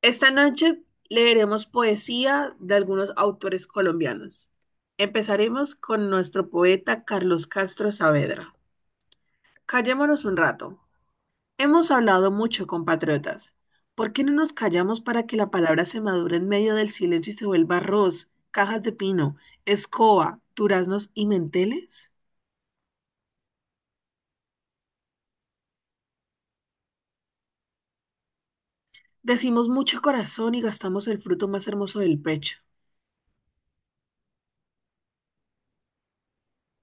Esta noche leeremos poesía de algunos autores colombianos. Empezaremos con nuestro poeta Carlos Castro Saavedra. Callémonos un rato. Hemos hablado mucho, compatriotas. ¿Por qué no nos callamos para que la palabra se madure en medio del silencio y se vuelva arroz, cajas de pino, escoba, duraznos y menteles? Decimos mucho corazón y gastamos el fruto más hermoso del pecho.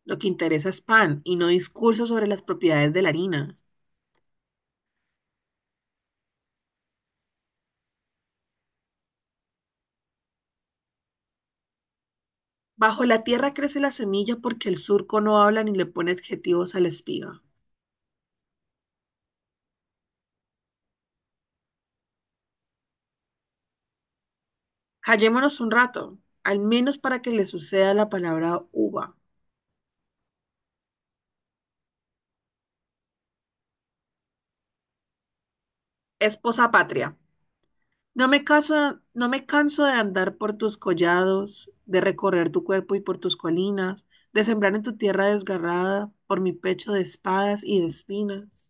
Lo que interesa es pan y no discursos sobre las propiedades de la harina. Bajo la tierra crece la semilla porque el surco no habla ni le pone adjetivos a la espiga. Callémonos un rato, al menos para que le suceda la palabra uva. Esposa patria, no me caso, no me canso de andar por tus collados, de recorrer tu cuerpo y por tus colinas, de sembrar en tu tierra desgarrada, por mi pecho de espadas y de espinas.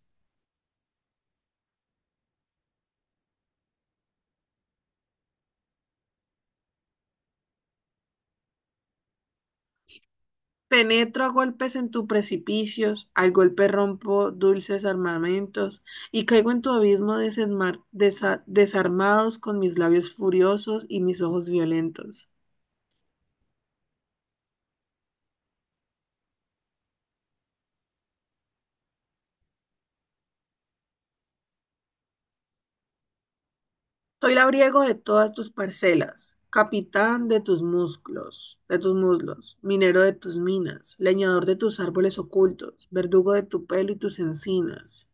Penetro a golpes en tus precipicios, al golpe rompo dulces armamentos, y caigo en tu abismo desarmados con mis labios furiosos y mis ojos violentos. Soy labriego de todas tus parcelas, capitán de tus músculos, de tus muslos, minero de tus minas, leñador de tus árboles ocultos, verdugo de tu pelo y tus encinas.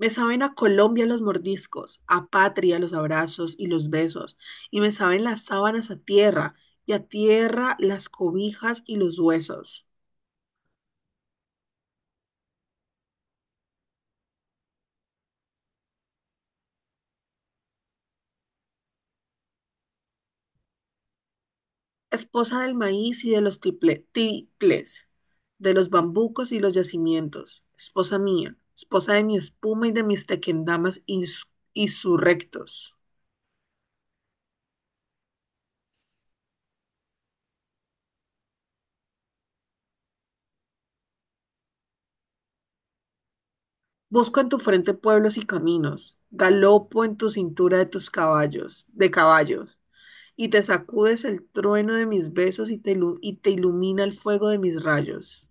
Me saben a Colombia los mordiscos, a patria los abrazos y los besos, y me saben las sábanas a tierra, y a tierra las cobijas y los huesos. Esposa del maíz y de los tiples, de los bambucos y los yacimientos. Esposa mía, esposa de mi espuma y de mis tequendamas insurrectos. Busco en tu frente pueblos y caminos, galopo en tu cintura de tus caballos, de caballos, y te sacudes el trueno de mis besos y te ilumina el fuego de mis rayos.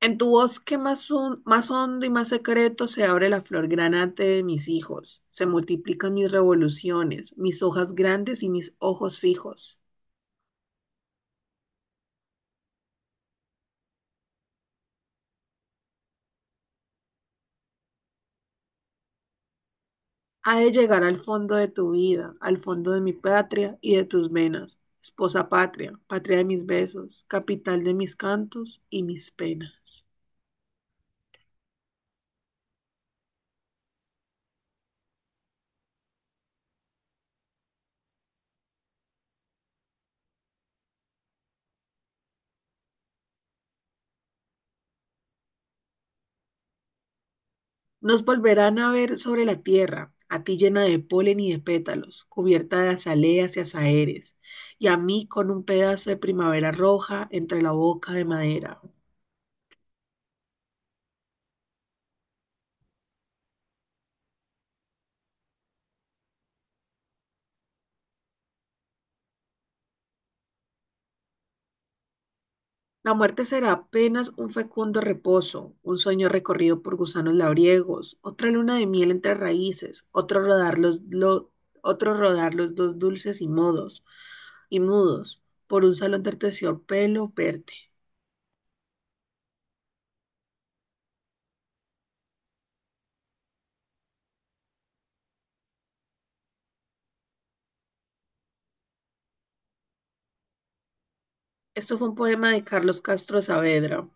En tu bosque más hondo y más secreto se abre la flor granate de mis hijos, se multiplican mis revoluciones, mis hojas grandes y mis ojos fijos. Ha de llegar al fondo de tu vida, al fondo de mi patria y de tus venas, esposa patria, patria de mis besos, capital de mis cantos y mis penas. Nos volverán a ver sobre la tierra, a ti llena de polen y de pétalos, cubierta de azaleas y azahares, y a mí con un pedazo de primavera roja entre la boca de madera. La muerte será apenas un fecundo reposo, un sueño recorrido por gusanos labriegos, otra luna de miel entre raíces, otro rodar los dos dulces y mudos por un salón de terciopelo verde. Esto fue un poema de Carlos Castro Saavedra.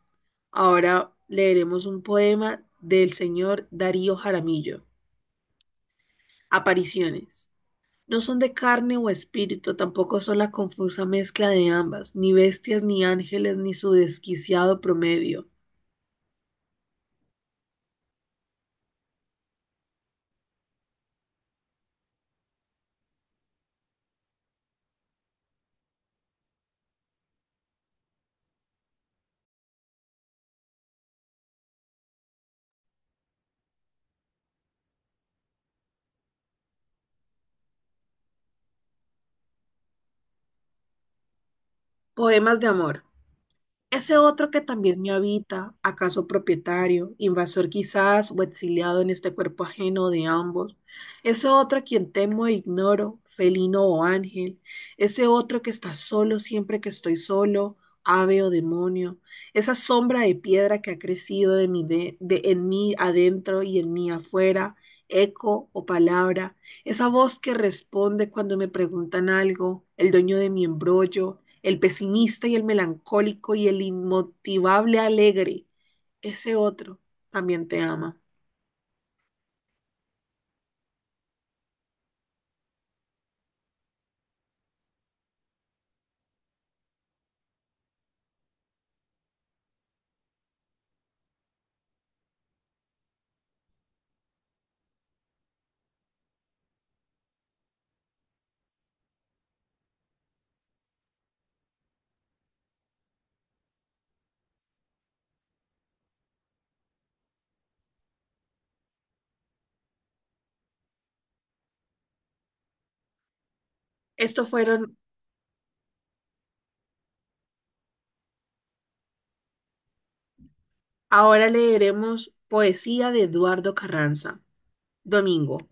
Ahora leeremos un poema del señor Darío Jaramillo. Apariciones. No son de carne o espíritu, tampoco son la confusa mezcla de ambas, ni bestias ni ángeles, ni su desquiciado promedio. Poemas de amor. Ese otro que también me habita, acaso propietario, invasor quizás o exiliado en este cuerpo ajeno de ambos, ese otro a quien temo e ignoro, felino o ángel, ese otro que está solo siempre que estoy solo, ave o demonio, esa sombra de piedra que ha crecido de mi de- en mí adentro y en mí afuera, eco o palabra, esa voz que responde cuando me preguntan algo, el dueño de mi embrollo, el pesimista y el melancólico y el inmotivable alegre, ese otro también te ama. Estos fueron, ahora leeremos poesía de Eduardo Carranza. Domingo.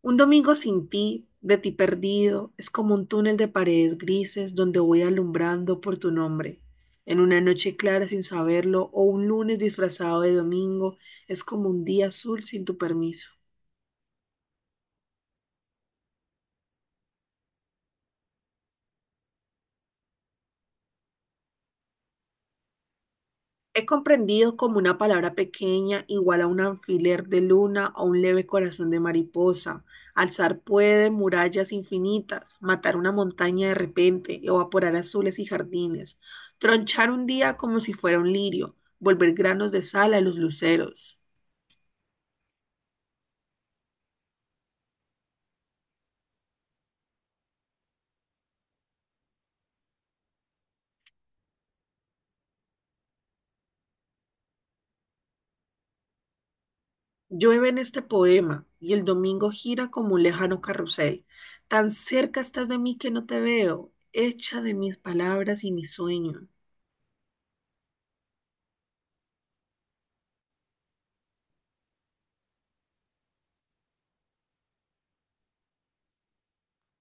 Un domingo sin ti, de ti perdido, es como un túnel de paredes grises donde voy alumbrando por tu nombre. En una noche clara sin saberlo o un lunes disfrazado de domingo, es como un día azul sin tu permiso. Es comprendido como una palabra pequeña igual a un alfiler de luna o un leve corazón de mariposa. Alzar puede murallas infinitas, matar una montaña de repente, evaporar azules y jardines, tronchar un día como si fuera un lirio, volver granos de sal a los luceros. Llueve en este poema y el domingo gira como un lejano carrusel. Tan cerca estás de mí que no te veo, hecha de mis palabras y mis sueños,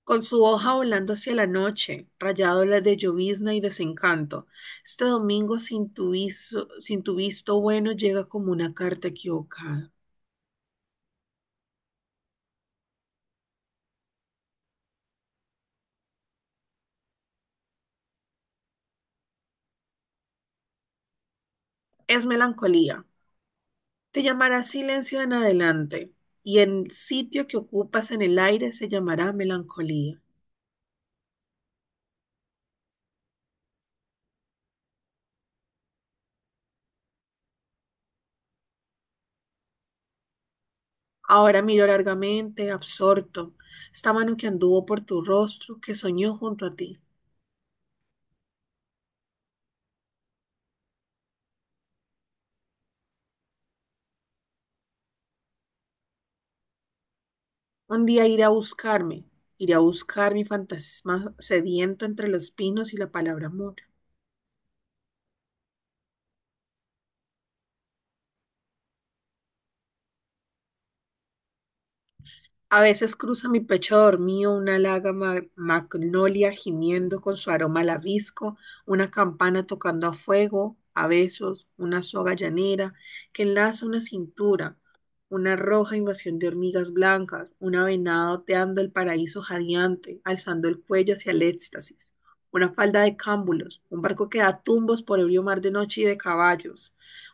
con su hoja volando hacia la noche, rayádolas de llovizna y desencanto. Este domingo sin tu visto bueno llega como una carta equivocada. Es melancolía. Te llamará silencio en adelante, y el sitio que ocupas en el aire se llamará melancolía. Ahora miro largamente, absorto, esta mano que anduvo por tu rostro, que soñó junto a ti. Un día iré a buscarme, iré a buscar mi fantasma sediento entre los pinos y la palabra amor. A veces cruza mi pecho dormido una magnolia gimiendo con su aroma labisco, una campana tocando a fuego, a besos, una soga llanera que enlaza una cintura, una roja invasión de hormigas blancas, una venada oteando el paraíso jadeante, alzando el cuello hacia el éxtasis, una falda de cámbulos, un barco que da tumbos por ebrio mar de noche y de caballos,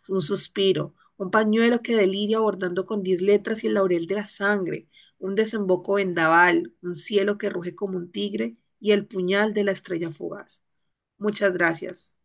un suspiro, un pañuelo que deliria bordando con 10 letras y el laurel de la sangre un desemboco vendaval, un cielo que ruge como un tigre y el puñal de la estrella fugaz. Muchas gracias.